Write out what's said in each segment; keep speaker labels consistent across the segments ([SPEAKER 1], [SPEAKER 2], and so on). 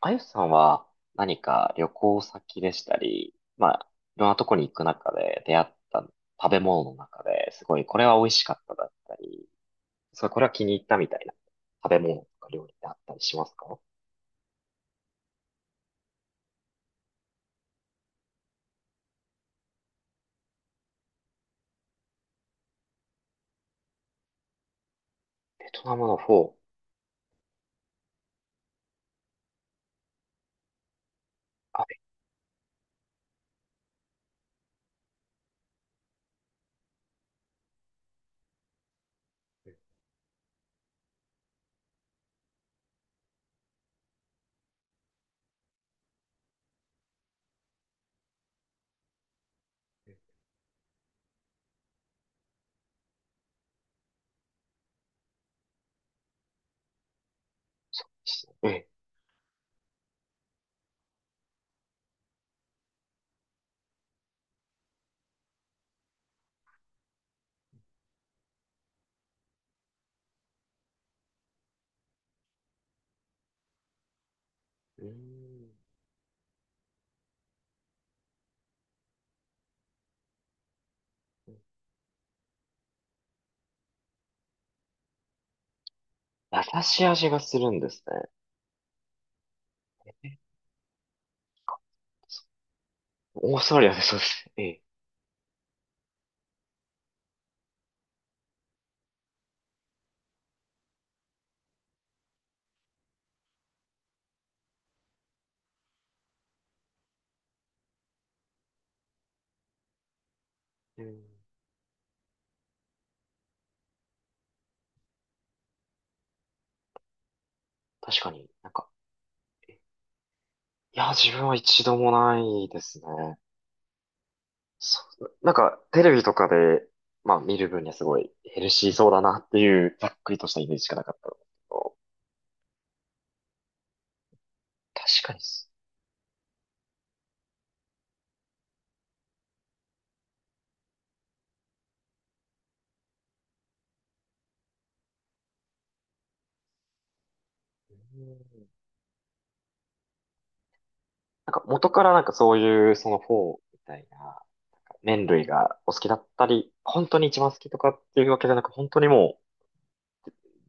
[SPEAKER 1] あゆさんは何か旅行先でしたり、まあ、いろんなとこに行く中で出会った食べ物の中ですごいこれは美味しかっただったり、それこれは気に入ったみたいな食べ物とか料理ってあったりしますか？ベトナムのフォー、アベン。ええ。うーん優しい味がするんですね。オーストラリアでそうです。ええ。うん。確かになんか、えいや、自分は一度もないですね。そう、なんか、テレビとかで、まあ見る分にはすごいヘルシーそうだなっていう、ざっくりとしたイメージしかなかったんですけど、確かにっす。うん。なんか元からなんかそういうそのフォーみたいな麺類がお好きだったり、本当に一番好きとかっていうわけじゃなく、本当にもう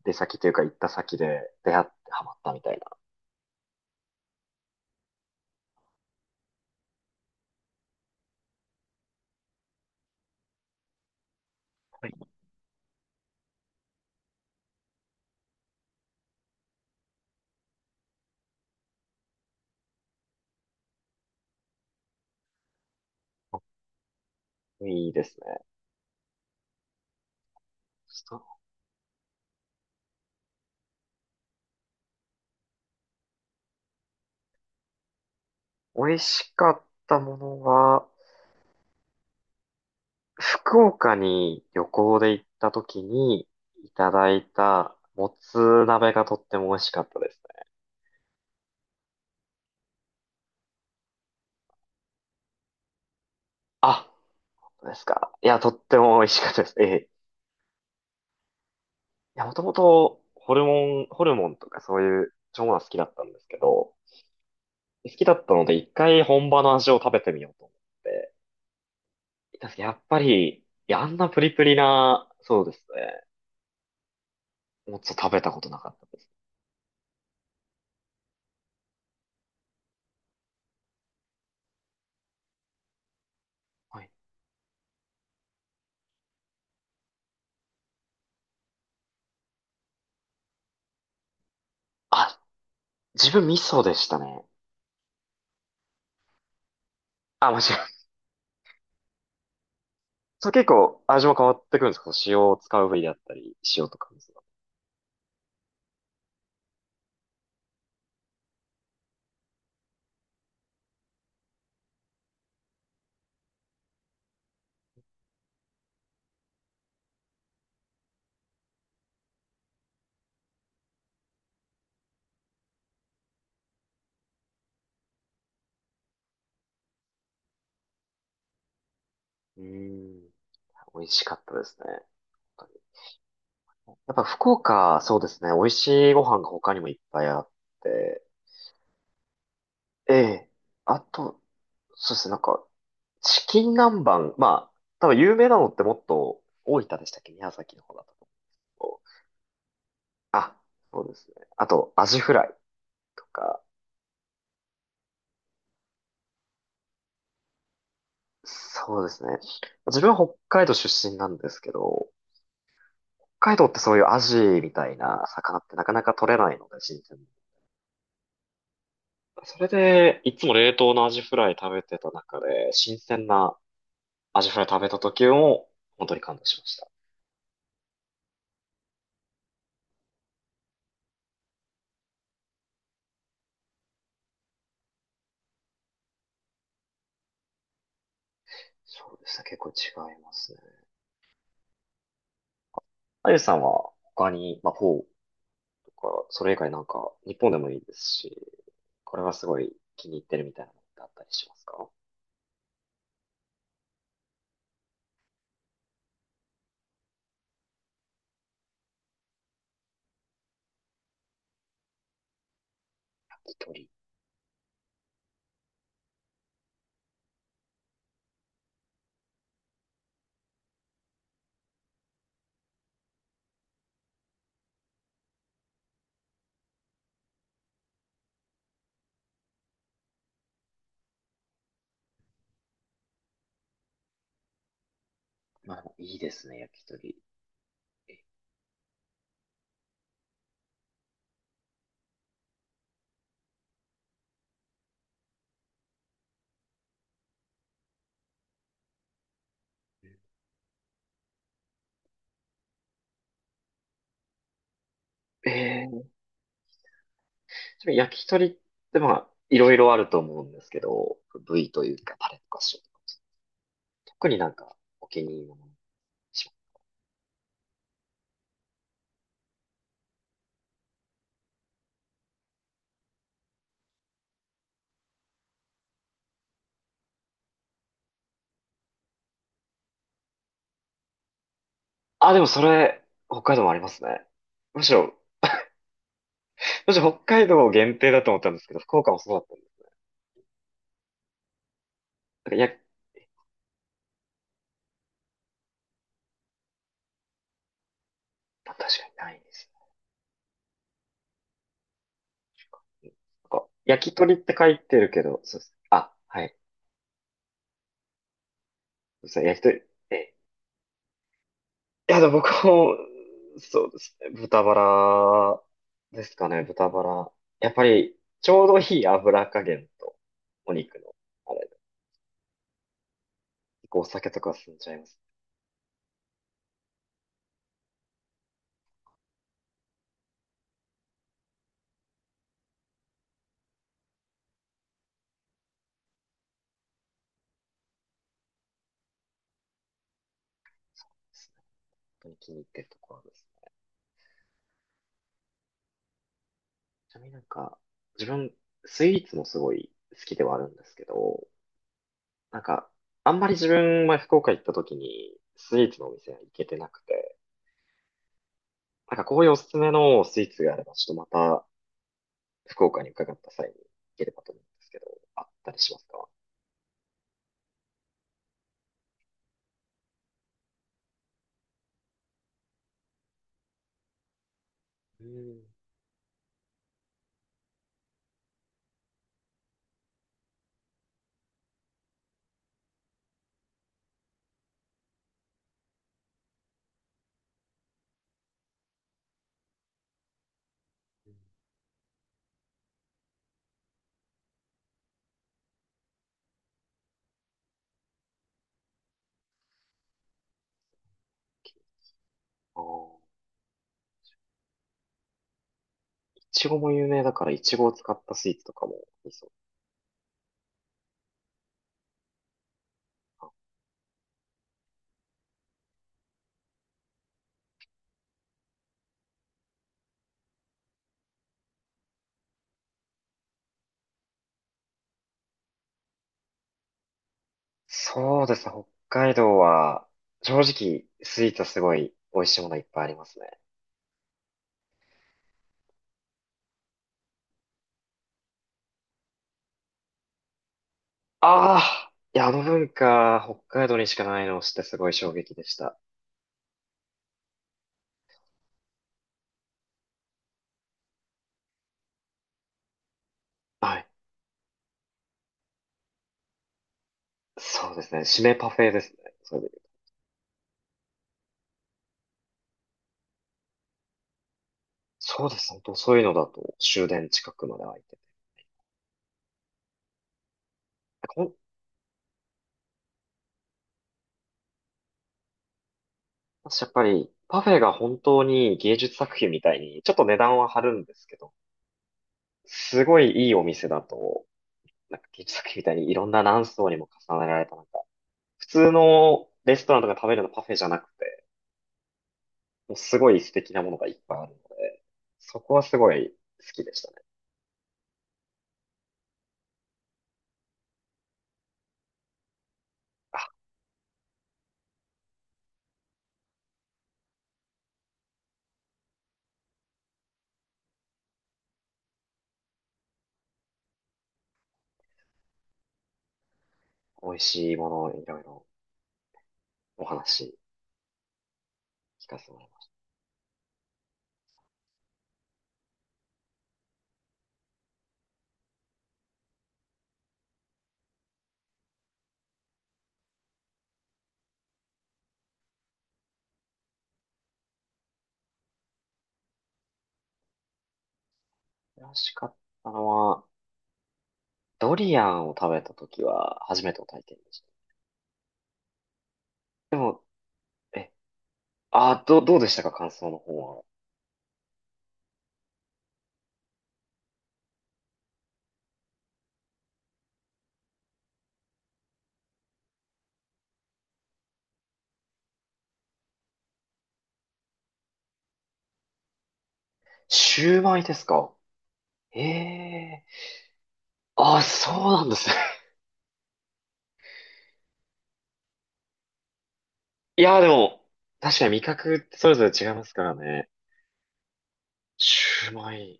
[SPEAKER 1] 出先というか行った先で出会ってハマったみたいな。はい。いいですね。ちょっと美味しかったものは、福岡に旅行で行った時にいただいたもつ鍋がとっても美味しかったですね。あ、そうですか。いや、とっても美味しかったです。ええ。いや、もともとホルモンとかそういう腸が好きだったんですけど、好きだったので一回本場の味を食べてみようと思って。いたんですけどやっぱり、いや、あんなプリプリな、そうですね。もつを食べたことなかった。はい。あ、自分味噌でしたね。あ、そう、結構味も変わってくるんですか？塩を使う部位だったり、塩とか水が。うーん。美味しかったですね。本当に、やっぱ福岡、そうですね。美味しいご飯が他にもいっぱいあって。ええ。あと、そうですね。なんか、チキン南蛮。まあ、多分有名なのってもっと大分でしたっけ？宮崎の方だったと思うんですけど。あ、そうですね。あと、アジフライとか。そうですね。自分は北海道出身なんですけど、海道ってそういうアジみたいな魚ってなかなか取れないので、新鮮な。それで、いつも冷凍のアジフライ食べてた中で、新鮮なアジフライ食べた時も、本当に感動しました。そうですね、結構違いますね。あゆさんは他に、まあ、フォーとか、それ以外なんか、日本でもいいですし、これはすごい気に入ってるみたいなのってあったりしますか？焼き鳥。まあ、いいですね、焼き鳥。ええー。ちなみに焼き鳥ってまあ、いろいろあると思うんですけど、部位というか、タレとか塩、特になんかお気に入りのものにします？あ、でもそれ、北海道もありますね。むしろ、むしろ北海道限定だと思ったんですけど、福岡もそうだったんで。なんかや、あ、確かにないですね。なんか焼き鳥って書いてるけど、そうです。あ、はい。そうですね、焼き鳥。ええ、いや、でも僕も、そうですね。豚バラですかね、豚バラ。やっぱり、ちょうどいい油加減と、お肉の、あれ、お酒とか進んじゃいますね。本当に気に入ってるところです。ちなみになんか、自分、スイーツもすごい好きではあるんですけど、なんか、あんまり自分、前福岡行った時に、スイーツのお店は行けてなくて、なんかこういうおすすめのスイーツがあれば、ちょっとまた、福岡に伺った際に行ければと思うんですけど、あったりしますか？うん。ああ、いちごも有名だから、いちごを使ったスイーツとかもいいそう。そうですね、北海道は、正直、スイーツはすごい美味しいものいっぱいありますね。ああ、いや、あの文化、北海道にしかないのを知ってすごい衝撃でした。はい。そうですね。締めパフェですね。それで、そうです。本当そういうのだと終電近くまで空いてて。ほん、私やっぱり、パフェが本当に芸術作品みたいに、ちょっと値段は張るんですけど、すごいいいお店だと、なんか芸術作品みたいにいろんな何層にも重ねられた、なんか、普通のレストランとか食べるのパフェじゃなくて、もうすごい素敵なものがいっぱいあるので、そこはすごい好きでしたね。美味しいものをいろいろお話聞かせてもらいます。美味しかったのは、ドリアンを食べた時は初めての体験でした。でも、え、あ、どうでしたか？感想の方は。シューマイですか？ええー。あ、そうなんですね。いや、でも、確かに味覚ってそれぞれ違いますからね。シューマイ。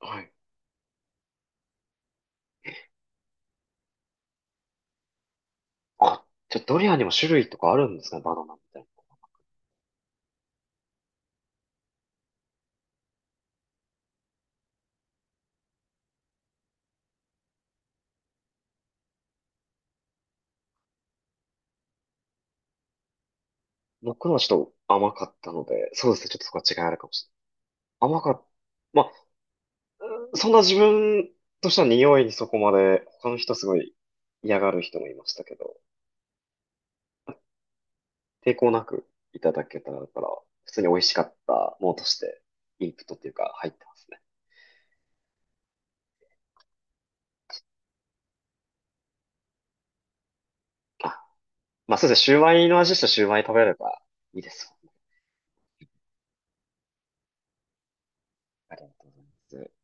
[SPEAKER 1] はい。あ、じゃあドリアンにも種類とかあるんですかね？バナナみたいな。僕のはちょっと甘かったので、そうですね。ちょっとそこは違いあるかもしれない。甘かった。まあ、そんな自分としては匂いにそこまで、他の人すごい嫌がる人もいましたけど、抵抗なくいただけたから、普通に美味しかったものとして、インプットっていうか入ってますね。あ、まあそうですね、シューマイの味したシューマイ食べればいいですもんね。ありがとうございます。